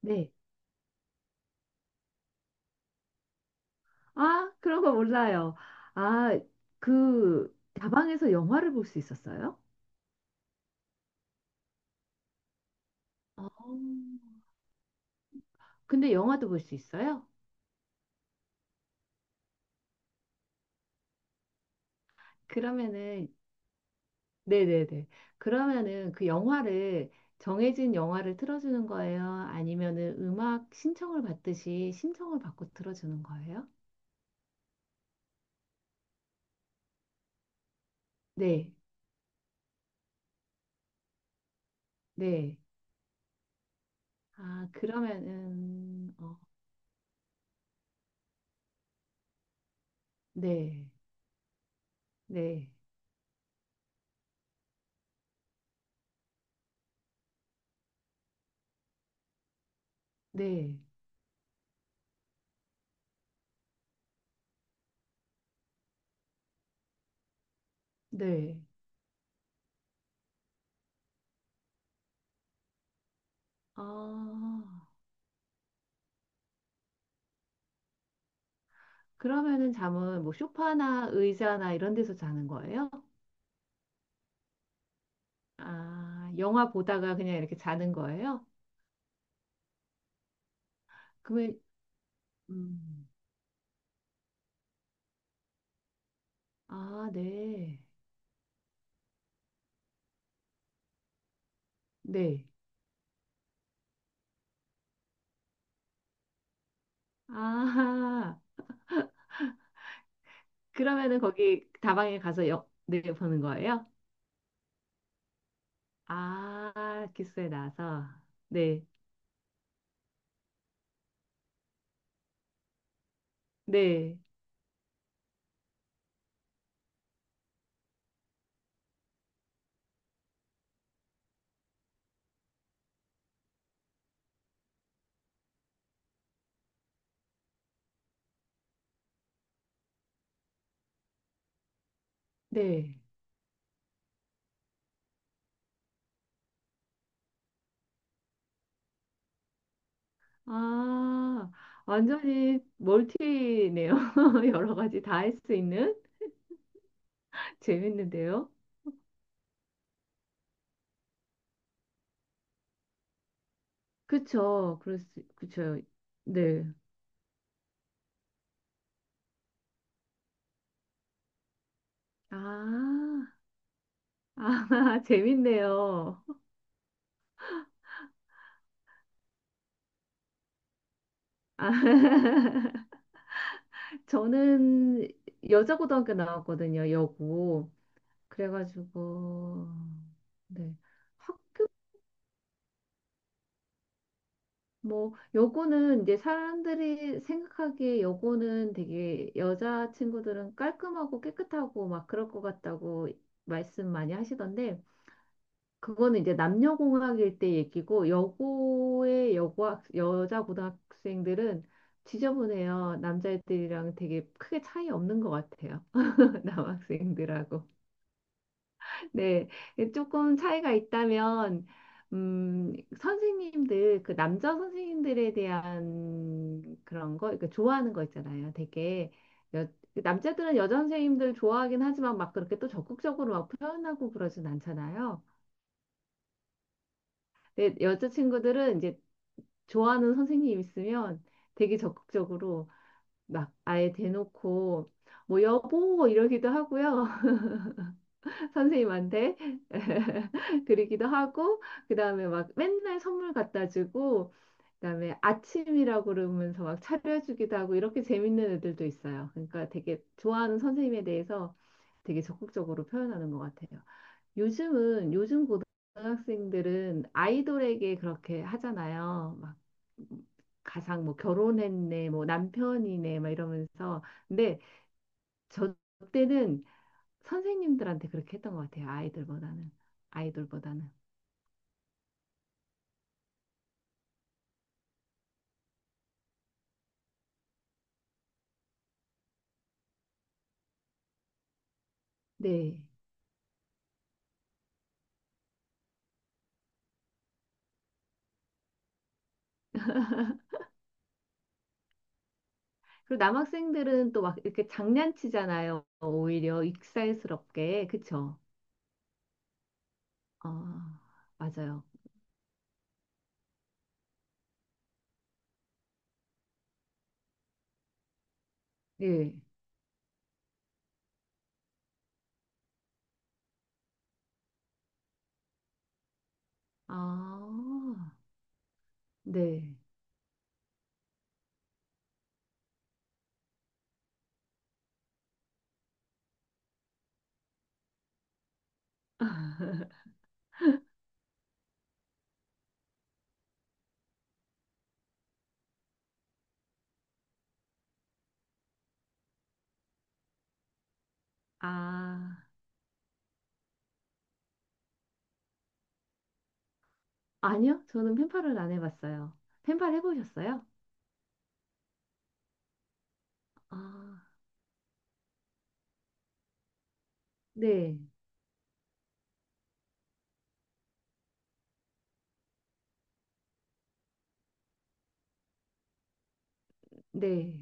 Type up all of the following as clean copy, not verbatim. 네. 아, 그런 거 몰라요. 아, 그 다방에서 영화를 볼 수 있었어요? 어, 근데 영화도 볼 수 있어요? 그러면은 네네네. 그러면은 그 영화를 정해진 영화를 틀어주는 거예요? 아니면은 음악 신청을 받듯이 신청을 받고 틀어주는 거예요? 네, 네. 아, 그러면은 어, 네, 네, 네, 네. 아, 그러면은 잠은 뭐 소파나 의자나 이런 데서 자는 거예요? 아, 영화 보다가 그냥 이렇게 자는 거예요? 그러면, 음, 아, 네. 네. 아, 그러면은 거기 다방에 가서 영, 네, 보는 거예요? 아, 기스에 나서. 네. 네. 네. 아, 완전히 멀티네요. 여러 가지 다 할 수 있는? 재밌는데요? 그쵸. 그럴 수, 그쵸. 네. 아, 아, 재밌네요. 아, 저는 여자고등학교 나왔거든요, 여고. 그래가지고, 네. 학교, 뭐, 여고는 이제 사람들이 생각하기에 여고는 되게 여자 친구들은 깔끔하고 깨끗하고 막 그럴 것 같다고 말씀 많이 하시던데, 그거는 이제 남녀공학일 때 얘기고 여고의 여고학 여자 고등학생들은 지저분해요. 남자애들이랑 되게 크게 차이 없는 것 같아요. 남학생들하고. 네, 조금 차이가 있다면 음, 선생님들 그 남자 선생님들에 대한 그런 거, 그러니까 좋아하는 거 있잖아요. 되게 여, 남자들은 여자 선생님들 좋아하긴 하지만 막 그렇게 또 적극적으로 막 표현하고 그러진 않잖아요. 근데 여자친구들은 이제 좋아하는 선생님 있으면 되게 적극적으로 막 아예 대놓고 뭐 여보 이러기도 하고요. 선생님한테 그러기도 하고 그다음에 막 맨날 선물 갖다 주고 그다음에 아침이라고 그러면서 막 차려주기도 하고 이렇게 재밌는 애들도 있어요. 그러니까 되게 좋아하는 선생님에 대해서 되게 적극적으로 표현하는 것 같아요. 요즘은 요즘 고등학생들은 아이돌에게 그렇게 하잖아요. 막 가상 뭐 결혼했네, 뭐 남편이네, 막 이러면서. 근데 저 때는 선생님들한테 그렇게 했던 것 같아요. 아이들보다는 아이돌보다는. 네. 그리고 남학생들은 또 막 이렇게 장난치잖아요. 오히려 익살스럽게. 그쵸? 아, 맞아요. 예. 아, 네. 아. 아니요, 저는 펜팔을 안 해봤어요. 펜팔 해보셨어요? 아, 네, 네,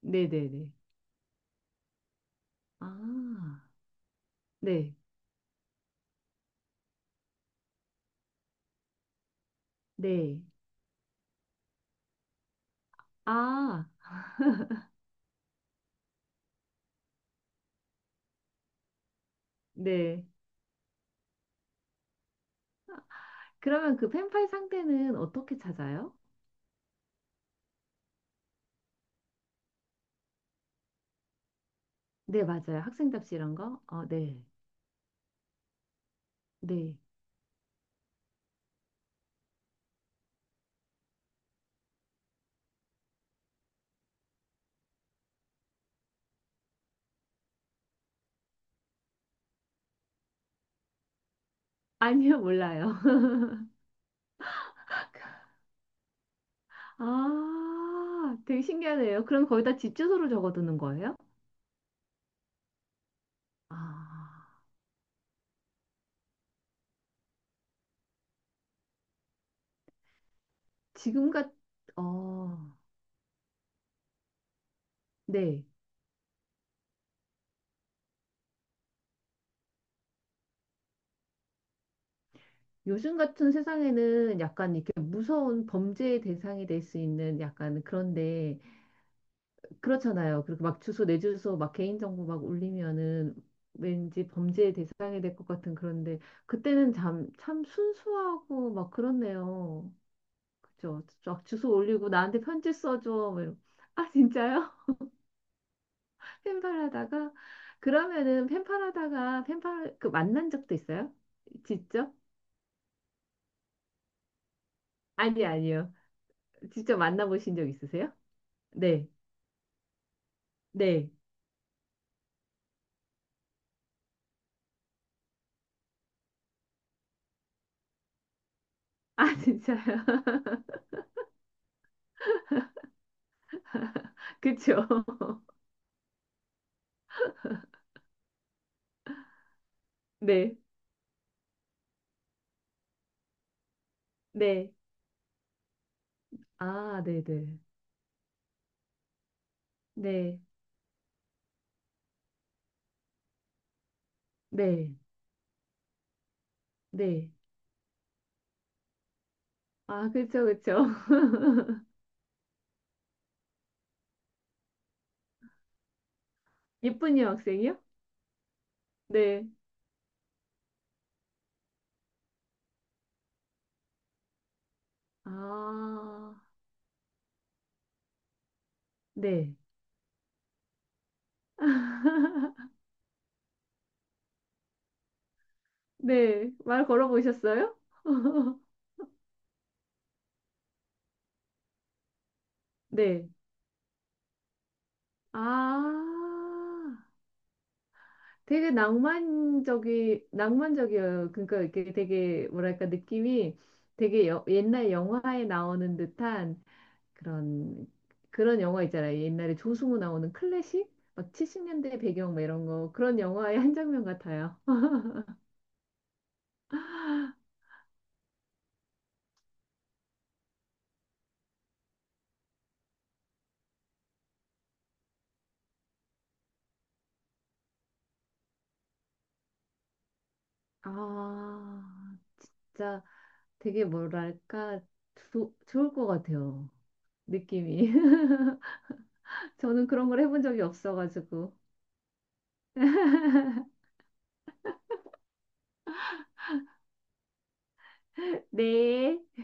네, 네, 네. 아, 네, 네. 아, 네. 그러면 그 펜팔 상태는 어떻게 찾아요? 네, 맞아요. 학생 답시 이런 거? 어, 네, 네. 아니요, 몰라요. 아, 되게 신기하네요. 그럼 거기다 집 주소를 적어두는 거예요? 아, 지금 같, 어, 네. 요즘 같은 세상에는 약간 이렇게 무서운 범죄의 대상이 될 수 있는 약간 그런데 그렇잖아요. 그리고 막 주소 내 주소 막 개인정보 막 올리면은 왠지 범죄의 대상이 될 것 같은 그런데 그때는 참, 참 순수하고 막 그렇네요. 그죠? 쫙 주소 올리고 나한테 편지 써줘. 뭐 이러- 아 진짜요? 팬팔하다가 그러면은 팬팔하다가 팬팔 그 만난 적도 있어요? 직접? 아니 아니요. 직접 만나보신 적 있으세요? 네. 네. 아, 진짜요? 그쵸? 네. 네. 아, 네네. 네. 네. 네. 아, 그쵸, 그쵸. 예쁜 여학생이요? 네. 아, 네. 네. 말 걸어보셨어요? 네. 아, 되게 낭만적이, 낭만적이에요. 그러니까 이렇게 되게, 뭐랄까, 느낌이 되게 여- 옛날 영화에 나오는 듯한 그런 그런 영화 있잖아요. 옛날에 조승우 나오는 클래식 막 70년대 배경 막 이런 거 그런 영화의 한 장면 같아요. 아, 진짜 되게 뭐랄까 조, 좋을 것 같아요. 느낌이. 저는 그런 걸 해본 적이 없어가지고. 네.